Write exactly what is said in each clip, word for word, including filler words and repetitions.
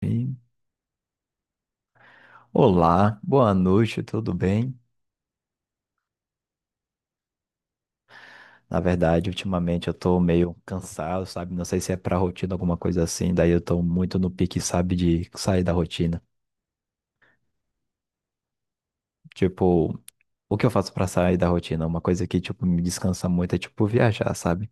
E, Olá, boa noite, tudo bem? Na verdade, ultimamente eu tô meio cansado, sabe? Não sei se é pra rotina, alguma coisa assim, daí eu tô muito no pique, sabe, de sair da rotina. Tipo, o que eu faço pra sair da rotina? Uma coisa que, tipo, me descansa muito é, tipo, viajar, sabe?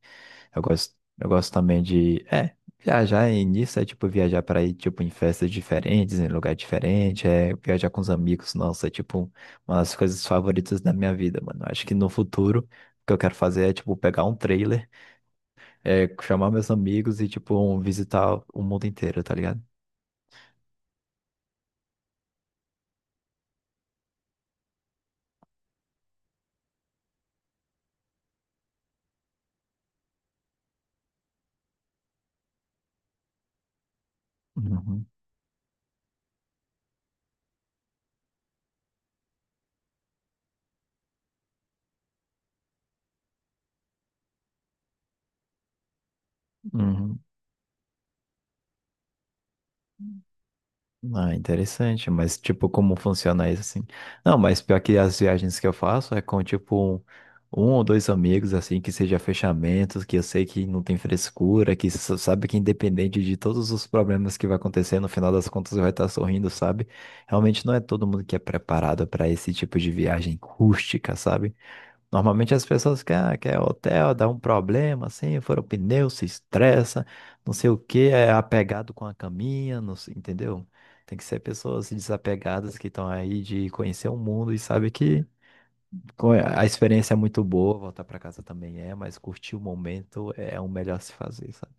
Eu gosto, eu gosto também de, é, viajar e nisso é tipo viajar para ir tipo em festas diferentes, em lugar diferente, é viajar com os amigos, nossa, é tipo uma das coisas favoritas da minha vida, mano. Acho que no futuro o que eu quero fazer é tipo pegar um trailer, é, chamar meus amigos e tipo um- visitar o mundo inteiro, tá ligado? Uhum, uhum. Ah, interessante, mas tipo, como funciona isso assim? Não, mas pior que as viagens que eu faço é com tipo um, um ou dois amigos, assim, que seja fechamentos, que eu sei que não tem frescura, que sa- sabe que independente de todos os problemas que vai acontecer, no final das contas vai estar sorrindo, sabe? Realmente não é todo mundo que é preparado para esse tipo de viagem rústica, sabe? Normalmente as pessoas querem, quer hotel, dá um problema, assim, fura o pneu, se estressa, não sei o que, é apegado com a caminha, não sei, entendeu? Tem que ser pessoas desapegadas que estão aí de conhecer o mundo e sabe que co- a experiência é muito boa, voltar para casa também é, mas curtir o momento é o melhor a se fazer, sabe?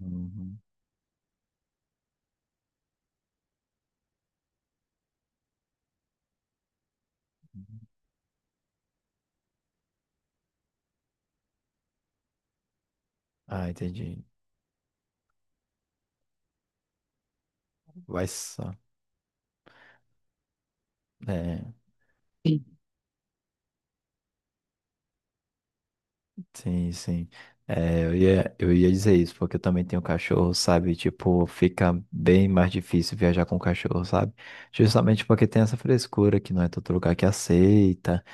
Uhum. Ah, entendi. Vai só. É. Sim, sim. É, eu ia, eu ia dizer isso, porque eu também tenho cachorro, sabe? Tipo, fica bem mais difícil viajar com cachorro, sabe? Justamente porque tem essa frescura que não é todo lugar que aceita.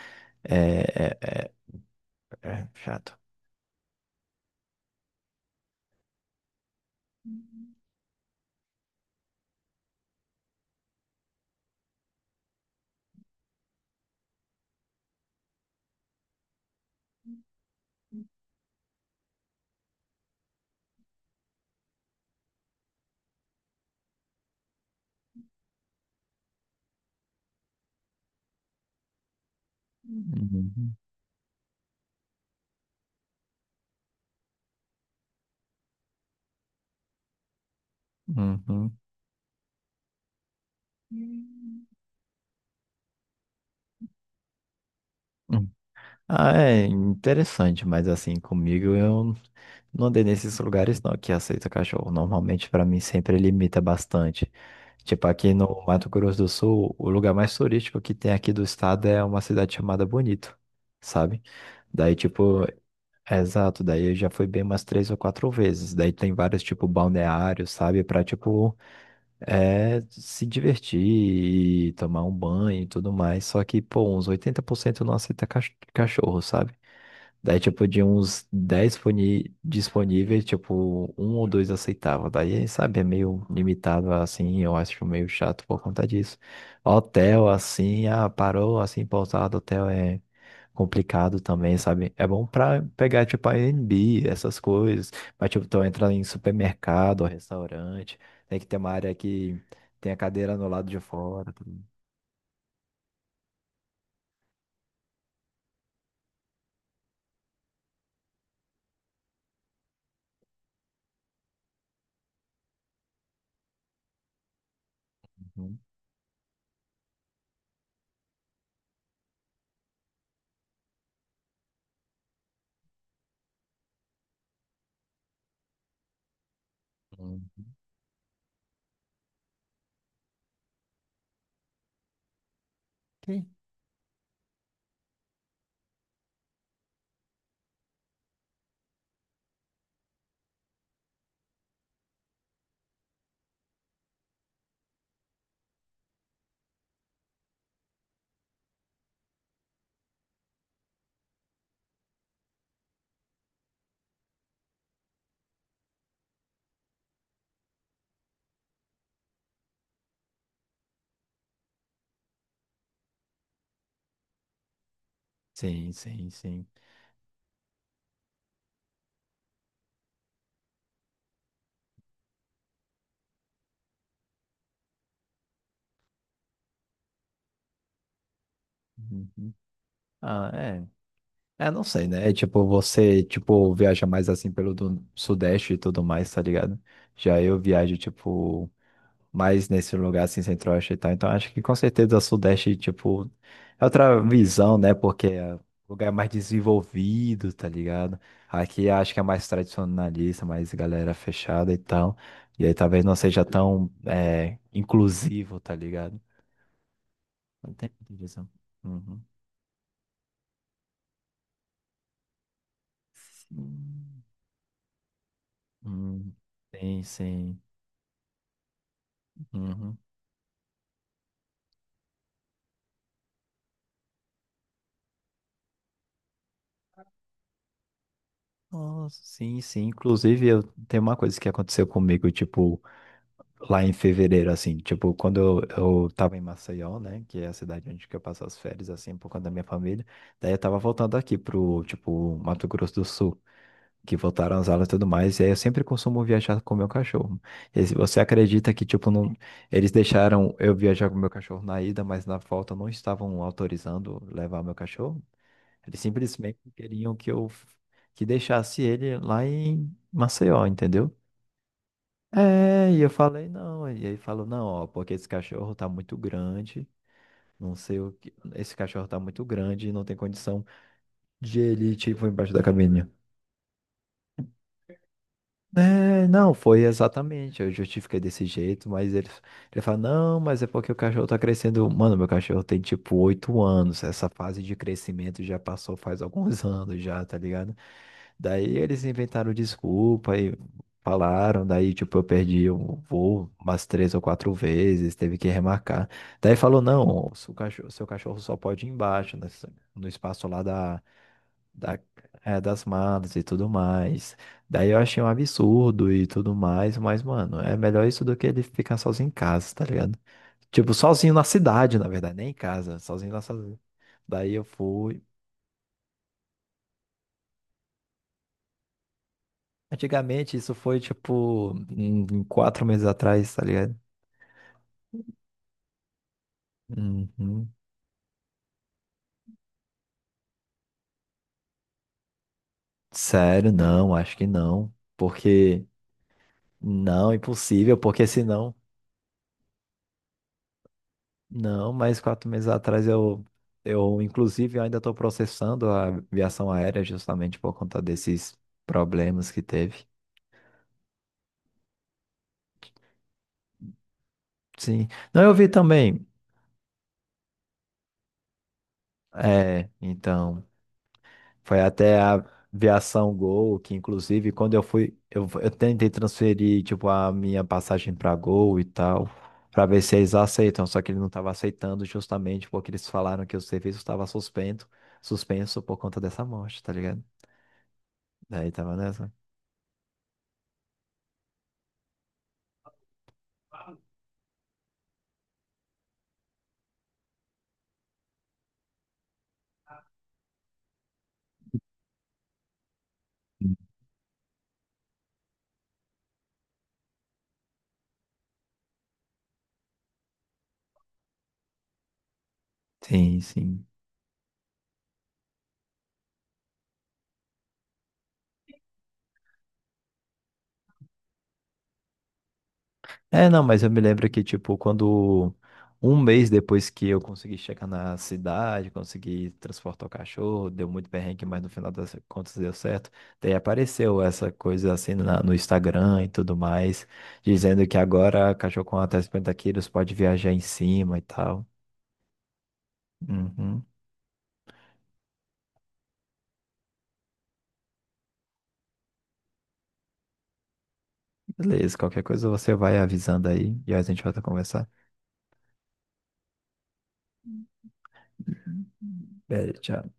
É, é, é, é chato. Uhum. Uhum. Uhum. Ah, é interessante, mas assim, comigo eu não andei nesses lugares não que aceita cachorro. Normalmente, pra mim, sempre limita bastante. Tipo, aqui no Mato Grosso do Sul, o lugar mais turístico que tem aqui do estado é uma cidade chamada Bonito, sabe? Daí, tipo, é exato, daí eu já fui bem umas três ou quatro vezes. Daí tem vários, tipo, balneários, sabe? Pra, tipo, é, se divertir e tomar um banho e tudo mais. Só que, pô, uns oitenta por cento não aceita cach- cachorro, sabe? Daí, tipo, de uns dez disponi- disponíveis, tipo, um ou dois aceitavam. Daí, sabe, é meio limitado assim, eu acho meio chato por conta disso. Hotel, assim, ah, parou, assim, pousada, hotel é complicado também, sabe? É bom pra pegar, tipo, Airbnb, essas coisas. Mas, tipo, tu entra em supermercado, restaurante, tem que ter uma área que tem a cadeira no lado de fora, tudo. Uhum. Uhum. Sim, sim, sim, sim. Uhum. Ah, é. É, não sei, né? É, tipo, você, tipo, viaja mais assim pelo do Sudeste e tudo mais, tá ligado? Já eu viajo, tipo, mais nesse lugar assim, Centro-Oeste e tal. Então, acho que com certeza o Sudeste, tipo, é outra visão, né? Porque é um lugar mais desenvolvido, tá ligado? Aqui acho que é mais tradicionalista, mais galera fechada e tal. E aí talvez não seja tão, é, inclusivo, tá ligado? Não tem muita divisão. Uhum. Sim. Hum, sim, sim. Uhum. Nossa, sim, sim. Inclusive, eu tem uma coisa que aconteceu comigo, tipo, lá em fevereiro, assim, tipo, quando eu, eu tava em Maceió, né, que é a cidade onde que eu passo as férias, assim, por conta da minha família, daí eu tava voltando aqui pro, tipo, Mato Grosso do Sul, que voltaram as aulas e tudo mais, e aí eu sempre costumo viajar com o meu cachorro. E se você acredita que, tipo, não, eles deixaram eu viajar com o meu cachorro na ida, mas na volta não estavam autorizando levar meu cachorro? Eles simplesmente queriam que eu que deixasse ele lá em Maceió, entendeu? É, e eu falei não. E ele falou, não, ó, porque esse cachorro tá muito grande, não sei o que. Esse cachorro tá muito grande e não tem condição de ele, tipo, embaixo da cabine. É, não, foi exatamente. Eu justifiquei desse jeito, mas ele, ele fala: não, mas é porque o cachorro tá crescendo. Mano, meu cachorro tem tipo oito anos. Essa fase de crescimento já passou faz alguns anos já, tá ligado? Daí eles inventaram desculpa e falaram. Daí, tipo, eu perdi o voo umas três ou quatro vezes, teve que remarcar. Daí falou: não, o seu cachorro, seu cachorro só pode ir embaixo, nessa- no espaço lá da da, é, das malas e tudo mais. Daí eu achei um absurdo e tudo mais, mas, mano, é melhor isso do que ele ficar sozinho em casa, tá ligado? Tipo, sozinho na cidade, na verdade, nem em casa, sozinho na cidade. Daí eu fui. Antigamente, isso foi, tipo, em em quatro meses atrás, tá ligado? Uhum. Sério, não, acho que não. Porque, não, impossível, porque senão. Não, mas quatro meses atrás eu, eu inclusive, eu ainda estou processando a aviação aérea justamente por conta desses problemas que teve. Sim. Não, eu vi também. É, então, foi até a aviação Gol, que inclusive, quando eu fui, eu, eu tentei transferir, tipo, a minha passagem para Gol e tal, para ver se eles aceitam, só que ele não estava aceitando justamente porque eles falaram que o serviço estava suspenso, suspenso por conta dessa morte, tá ligado? Daí tava nessa. Sim, sim. É, não, mas eu me lembro que, tipo, quando um mês depois que eu consegui chegar na cidade, consegui transportar o cachorro, deu muito perrengue, mas no final das contas deu certo. Daí apareceu essa coisa assim na- no Instagram e tudo mais, dizendo que agora cachorro com até 50 quilos pode viajar em cima e tal. Uhum. Beleza, qualquer coisa você vai avisando aí e a gente volta a conversar. Beleza. Tchau.